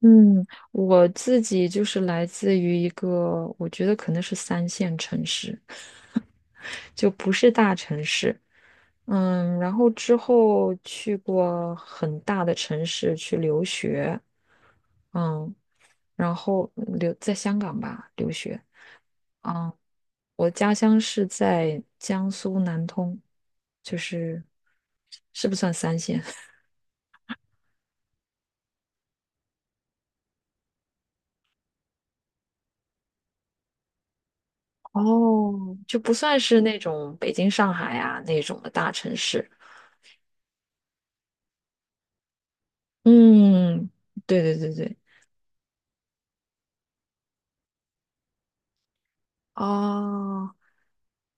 嗯，我自己就是来自于一个，我觉得可能是三线城市，就不是大城市。然后之后去过很大的城市去留学，嗯，然后留在香港吧留学。嗯，我家乡是在江苏南通，就是是不算三线，哦，就不算是那种北京、上海啊那种的大城市。嗯，对对对对，哦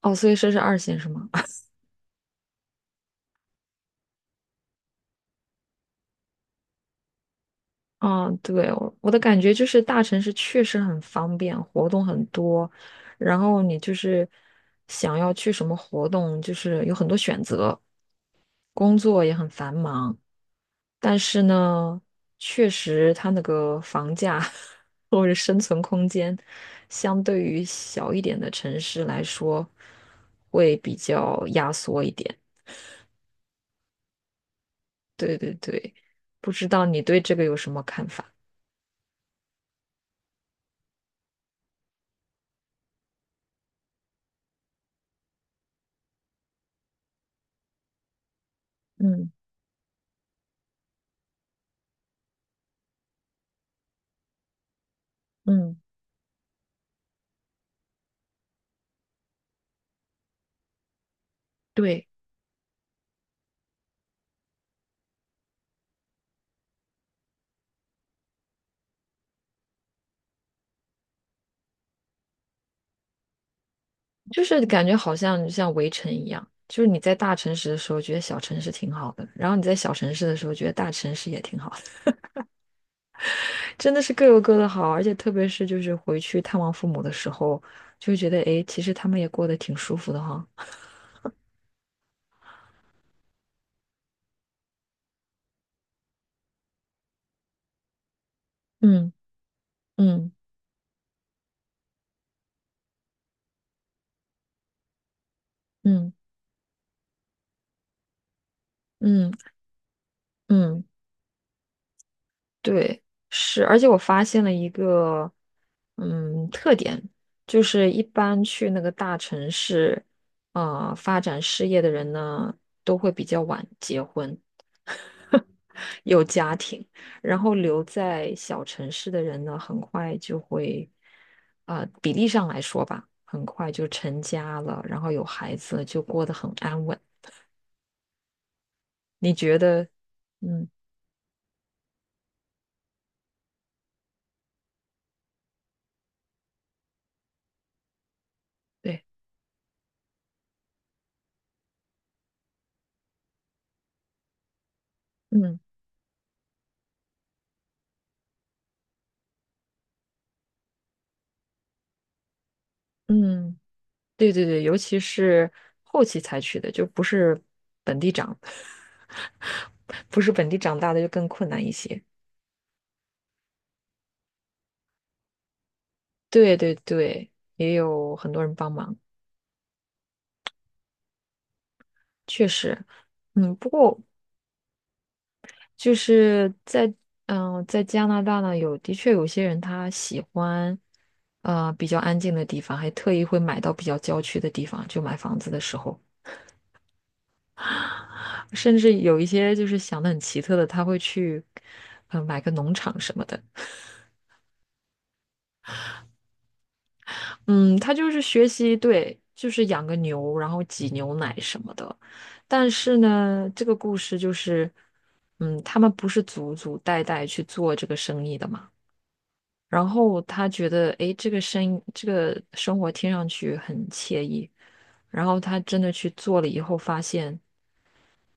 哦，所以说是二线是吗？啊，对，我的感觉就是大城市确实很方便，活动很多，然后你就是想要去什么活动，就是有很多选择，工作也很繁忙，但是呢，确实它那个房价 或者生存空间，相对于小一点的城市来说，会比较压缩一点。对对对，不知道你对这个有什么看法？嗯嗯，对，就是感觉好像像围城一样，就是你在大城市的时候觉得小城市挺好的，然后你在小城市的时候觉得大城市也挺好的，真的是各有各的好，而且特别是就是回去探望父母的时候，就会觉得诶，其实他们也过得挺舒服的哈。嗯嗯嗯嗯嗯，对，是，而且我发现了一个特点，就是一般去那个大城市啊、发展事业的人呢，都会比较晚结婚，有家庭，然后留在小城市的人呢，很快就会啊、比例上来说吧，很快就成家了，然后有孩子了就过得很安稳。你觉得？嗯，对，嗯嗯。对对对，尤其是后期采取的，就不是本地长，不是本地长大的就更困难一些。对对对，也有很多人帮忙，确实，嗯，不过就是在加拿大呢，有的确有些人他喜欢比较安静的地方，还特意会买到比较郊区的地方，就买房子的时候，甚至有一些就是想的很奇特的，他会去买个农场什么的。嗯，他就是学习，对，就是养个牛，然后挤牛奶什么的。但是呢，这个故事就是，他们不是祖祖代代去做这个生意的嘛。然后他觉得，诶，这个生活听上去很惬意。然后他真的去做了以后，发现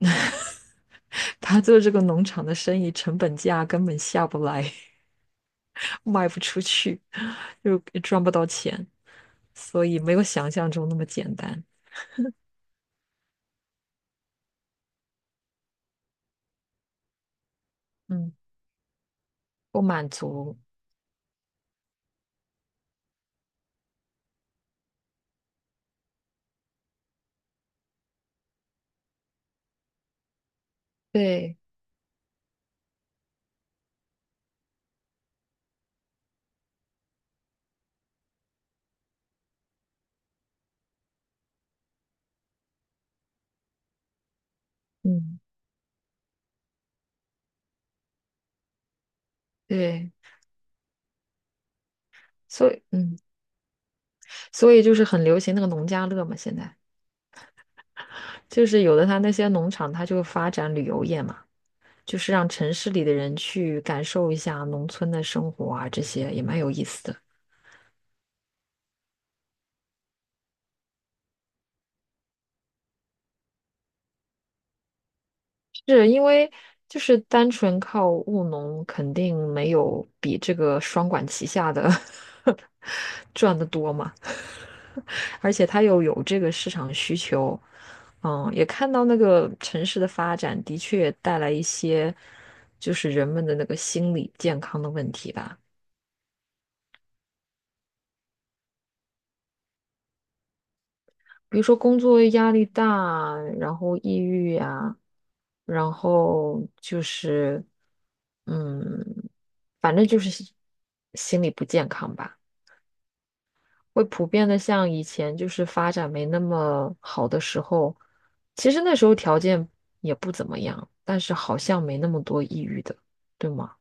他做这个农场的生意成本价根本下不来。卖不出去，就也赚不到钱，所以没有想象中那么简单。嗯，不满足，对，嗯，对，所以，嗯，所以就是很流行那个农家乐嘛，现在就是有的他那些农场，他就发展旅游业嘛，就是让城市里的人去感受一下农村的生活啊，这些也蛮有意思的。是因为就是单纯靠务农，肯定没有比这个双管齐下的 赚得多嘛。而且它又有这个市场需求，也看到那个城市的发展的确带来一些，就是人们的那个心理健康的问题吧，比如说工作压力大，然后抑郁呀，然后就是，嗯，反正就是心理不健康吧。会普遍的像以前就是发展没那么好的时候，其实那时候条件也不怎么样，但是好像没那么多抑郁的，对吗？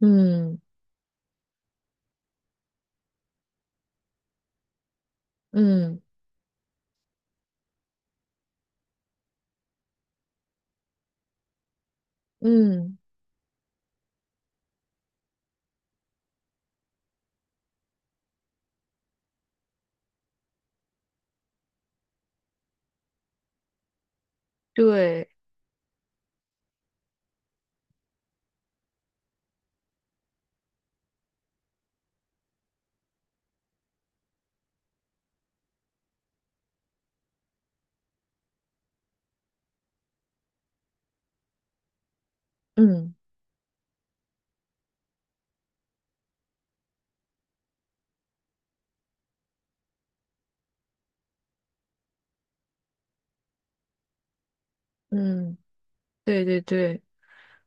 嗯嗯嗯，对，嗯嗯，对对对，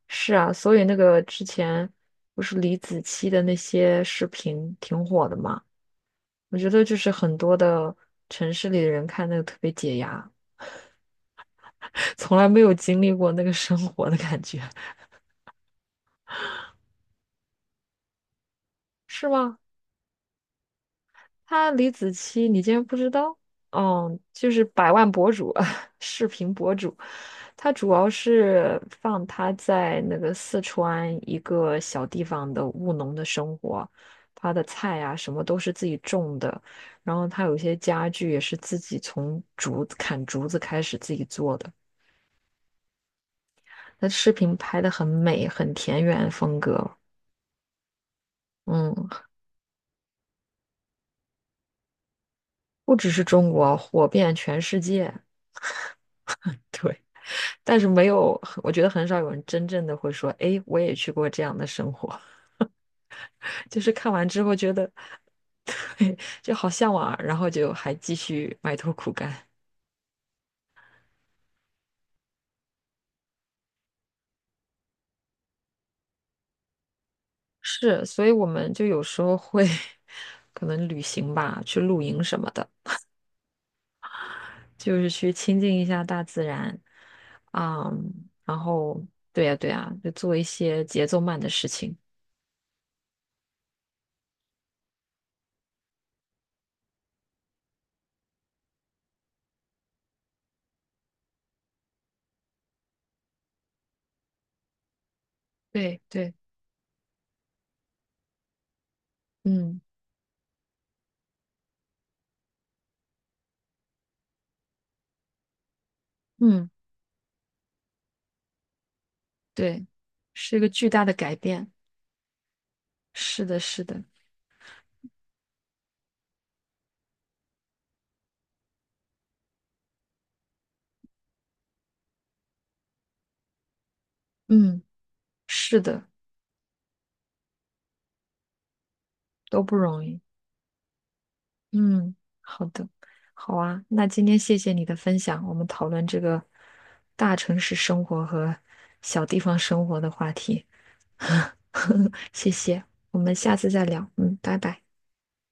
是啊，所以那个之前不是李子柒的那些视频挺火的嘛，我觉得就是很多的城市里的人看那个特别解压，从来没有经历过那个生活的感觉，是吗？他李子柒，你竟然不知道？就是百万博主，视频博主。他主要是放他在那个四川一个小地方的务农的生活，他的菜啊什么都是自己种的，然后他有一些家具也是自己从竹子砍竹子开始自己做的。他视频拍的很美，很田园风格，嗯，不只是中国，火遍全世界。对。但是没有，我觉得很少有人真正的会说，诶，我也去过这样的生活。就是看完之后觉得，对，就好向往啊，然后就还继续埋头苦干。是，所以我们就有时候会 可能旅行吧，去露营什么的，就是去亲近一下大自然，然后对呀，对呀，就做一些节奏慢的事情。对对，嗯嗯，对，是一个巨大的改变。是的，是的，嗯。是的，都不容易。嗯，好的，好啊。那今天谢谢你的分享，我们讨论这个大城市生活和小地方生活的话题。谢谢，我们下次再聊。嗯，拜拜。